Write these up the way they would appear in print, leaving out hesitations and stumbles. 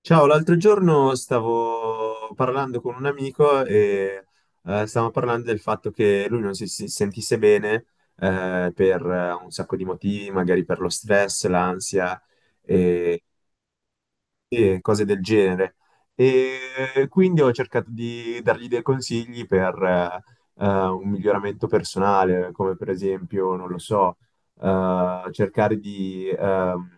Ciao, l'altro giorno stavo parlando con un amico e stavamo parlando del fatto che lui non si sentisse bene per un sacco di motivi, magari per lo stress, l'ansia, Mm, e, sì, e cose del genere. E quindi ho cercato di dargli dei consigli per un miglioramento personale, come per esempio, non lo so, cercare di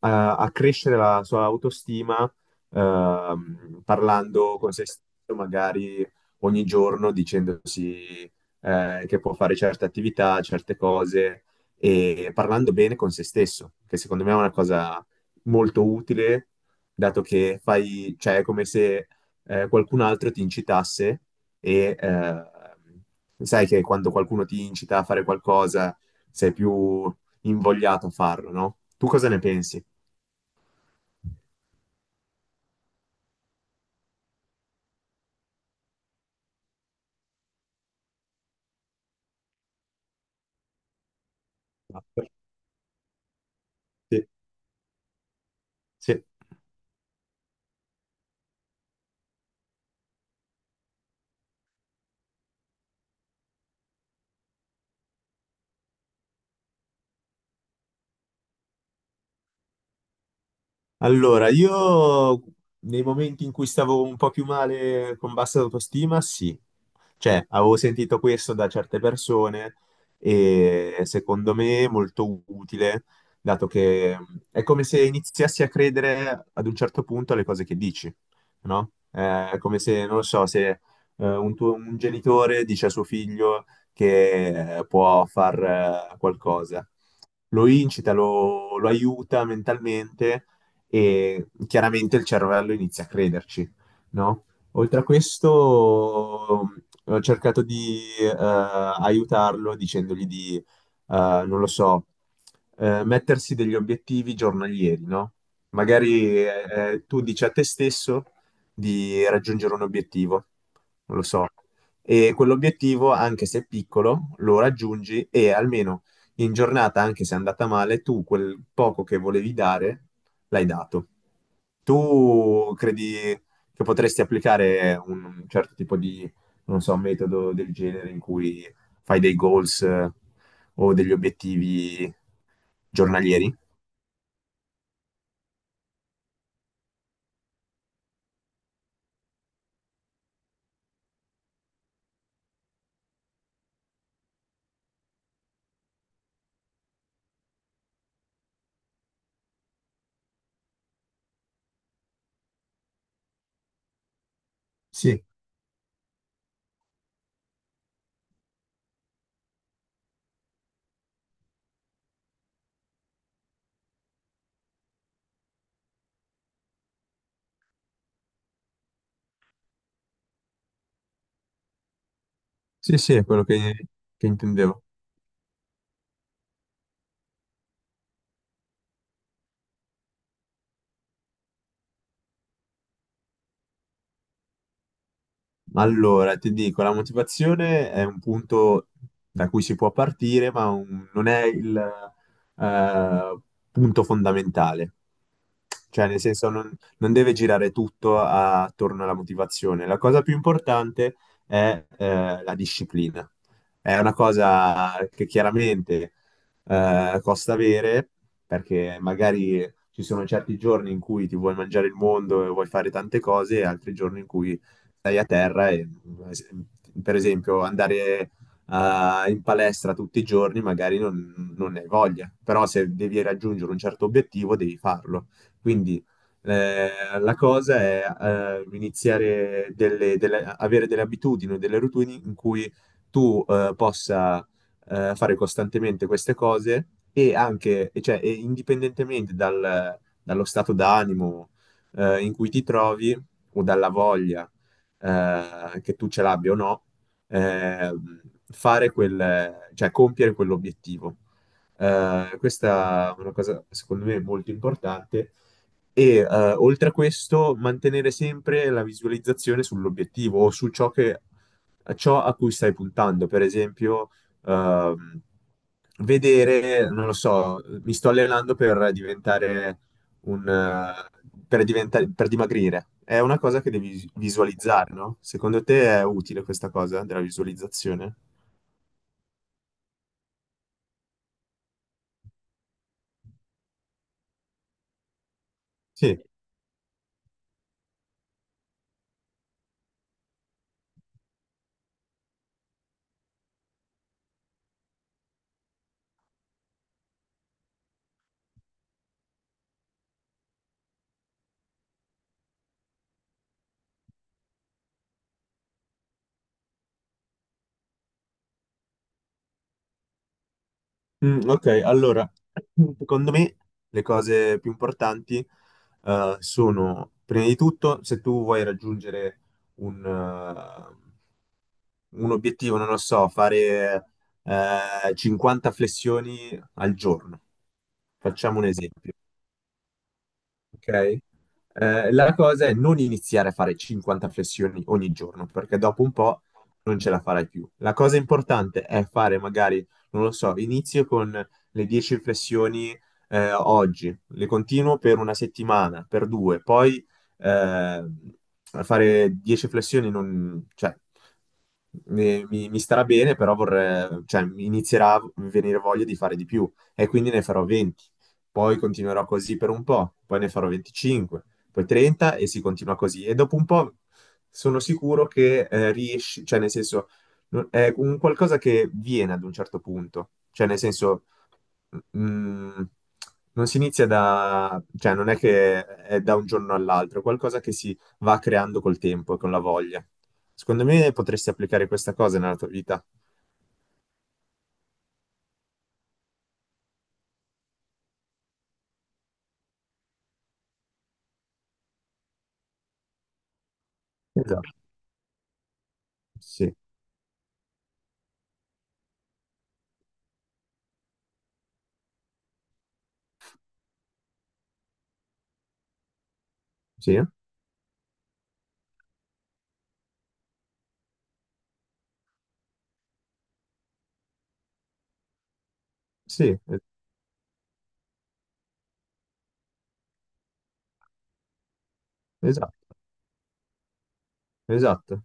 a crescere la sua autostima, parlando con se stesso magari ogni giorno dicendosi che può fare certe attività, certe cose e parlando bene con se stesso, che secondo me è una cosa molto utile, dato che fai, cioè, è come se qualcun altro ti incitasse e sai che quando qualcuno ti incita a fare qualcosa sei più invogliato a farlo, no? Tu cosa ne pensi? Esatto. Sì, sì. Allora, io nei momenti in cui stavo un po' più male con bassa autostima, sì. Cioè, avevo sentito questo da certe persone e secondo me è molto utile, dato che è come se iniziassi a credere ad un certo punto alle cose che dici, no? È come se, non lo so, se un genitore dice a suo figlio che può far qualcosa, lo incita, lo aiuta mentalmente e chiaramente il cervello inizia a crederci, no? Oltre a questo, ho cercato di aiutarlo dicendogli di, non lo so, mettersi degli obiettivi giornalieri, no? Magari tu dici a te stesso di raggiungere un obiettivo, non lo so, e quell'obiettivo, anche se è piccolo, lo raggiungi e almeno in giornata, anche se è andata male, tu quel poco che volevi dare l'hai dato. Tu credi che potresti applicare un certo tipo di, non so, metodo del genere in cui fai dei goals o degli obiettivi giornalieri? Sì, sì, sì, è quello che intendevo. Allora, ti dico, la motivazione è un punto da cui si può partire, ma non è il eh, punto fondamentale. Cioè, nel senso, non, non deve girare tutto attorno alla motivazione. La cosa più importante è la disciplina. È una cosa che chiaramente costa avere, perché magari ci sono certi giorni in cui ti vuoi mangiare il mondo e vuoi fare tante cose, e altri giorni in cui stai a terra e, per esempio, andare in palestra tutti i giorni magari non, non ne hai voglia, però se devi raggiungere un certo obiettivo devi farlo. Quindi eh, la cosa è iniziare delle, avere delle abitudini, delle routine in cui tu possa fare costantemente queste cose e anche, e cioè, e indipendentemente dallo stato d'animo in cui ti trovi o dalla voglia che tu ce l'abbia o no, ehm, fare quel, cioè compiere quell'obiettivo. Questa è una cosa, secondo me, molto importante. E oltre a questo, mantenere sempre la visualizzazione sull'obiettivo o su ciò che ciò a cui stai puntando. Per esempio, ehm, vedere, non lo so, mi sto allenando per diventare un, eh, per diventare, per dimagrire. È una cosa che devi visualizzare, no? Secondo te è utile questa cosa della visualizzazione? Sì. Mm, ok, allora, secondo me le cose più importanti sono, prima di tutto, se tu vuoi raggiungere un, eh, un obiettivo, non lo so, fare 50 flessioni al giorno, facciamo un esempio. Ok? La cosa è non iniziare a fare 50 flessioni ogni giorno, perché dopo un po' non ce la farai più. La cosa importante è fare magari, non lo so, inizio con le 10 flessioni oggi, le continuo per una settimana, per due, poi eh, fare 10 flessioni non, cioè, mi starà bene, però vorrei, cioè, mi inizierà a venire voglia di fare di più e quindi ne farò 20, poi continuerò così per un po', poi ne farò 25, poi 30 e si continua così. E dopo un po' sono sicuro che riesci, cioè nel senso, è un qualcosa che viene ad un certo punto, cioè nel senso, mm, non si inizia da, cioè non è che è da un giorno all'altro, è qualcosa che si va creando col tempo e con la voglia. Secondo me potresti applicare questa cosa nella tua vita. Esatto, sì, sì, sì, esatto, esatto.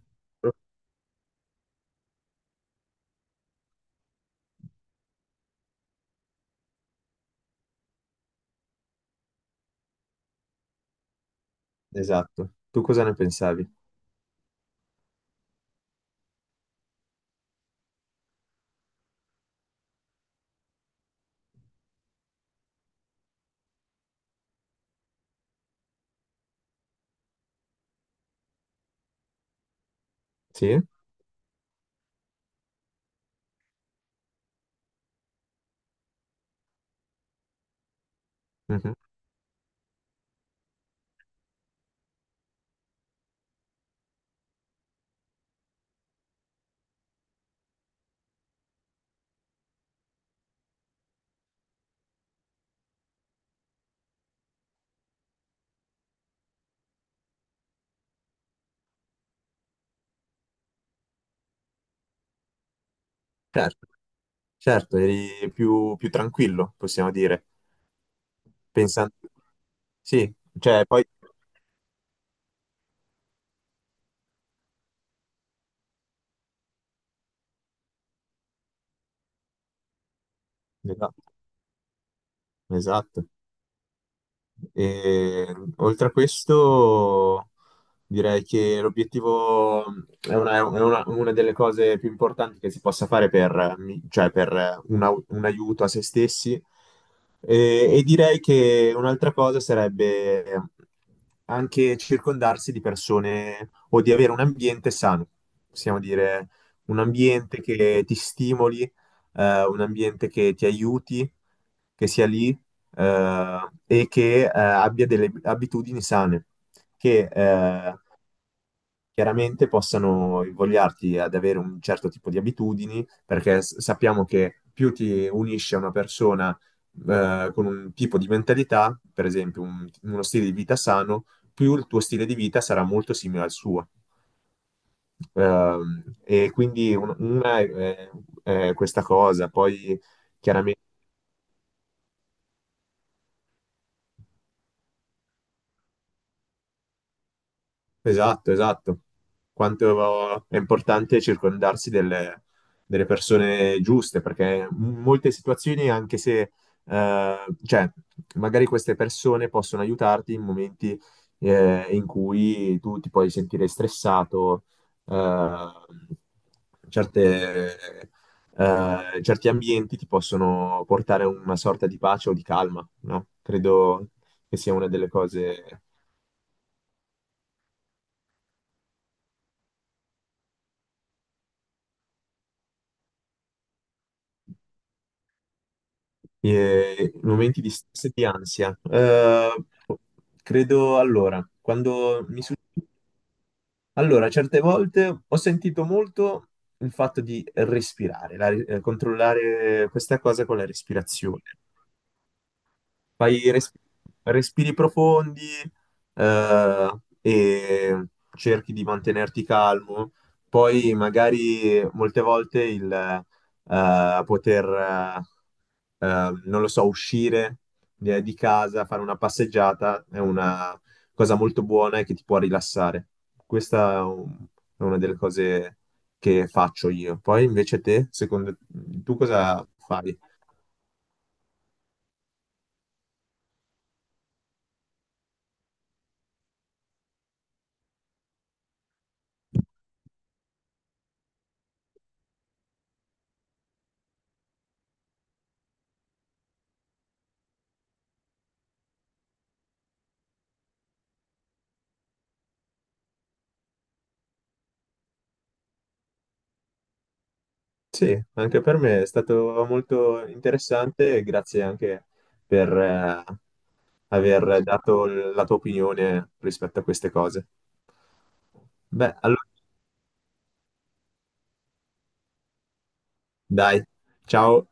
Esatto. Tu cosa ne pensavi? Sì? Mhm. Certo, certo, eri più, più tranquillo, possiamo dire. Pensando... Sì, cioè poi... Esatto, esatto. E, oltre a questo, direi che l'obiettivo è una, una delle cose più importanti che si possa fare per, cioè per un aiuto a se stessi. E direi che un'altra cosa sarebbe anche circondarsi di persone o di avere un ambiente sano, possiamo dire un ambiente che ti stimoli, un ambiente che ti aiuti, che sia lì eh, e che abbia delle abitudini sane, che chiaramente possano invogliarti ad avere un certo tipo di abitudini, perché sappiamo che più ti unisci a una persona con un tipo di mentalità, per esempio uno stile di vita sano, più il tuo stile di vita sarà molto simile al suo. E quindi è questa cosa, poi chiaramente. Esatto, esatto. Quanto è importante circondarsi delle, delle persone giuste, perché in molte situazioni, anche se, eh, cioè, magari queste persone possono aiutarti in momenti, in cui tu ti puoi sentire stressato, eh, certe, certi ambienti ti possono portare a una sorta di pace o di calma, no? Credo che sia una delle cose momenti di stress e di ansia. Credo allora, quando mi succede... Allora, certe volte ho sentito molto il fatto di respirare, controllare questa cosa con la respirazione. Fai respiri profondi, eh, e cerchi di mantenerti calmo. Poi magari molte volte il poter, non lo so, uscire di casa, fare una passeggiata è una cosa molto buona e che ti può rilassare. Questa è è una delle cose che faccio io. Poi invece te, secondo tu cosa fai? Sì, anche per me è stato molto interessante e grazie anche per aver dato la tua opinione rispetto a queste cose. Beh, allora, dai, ciao.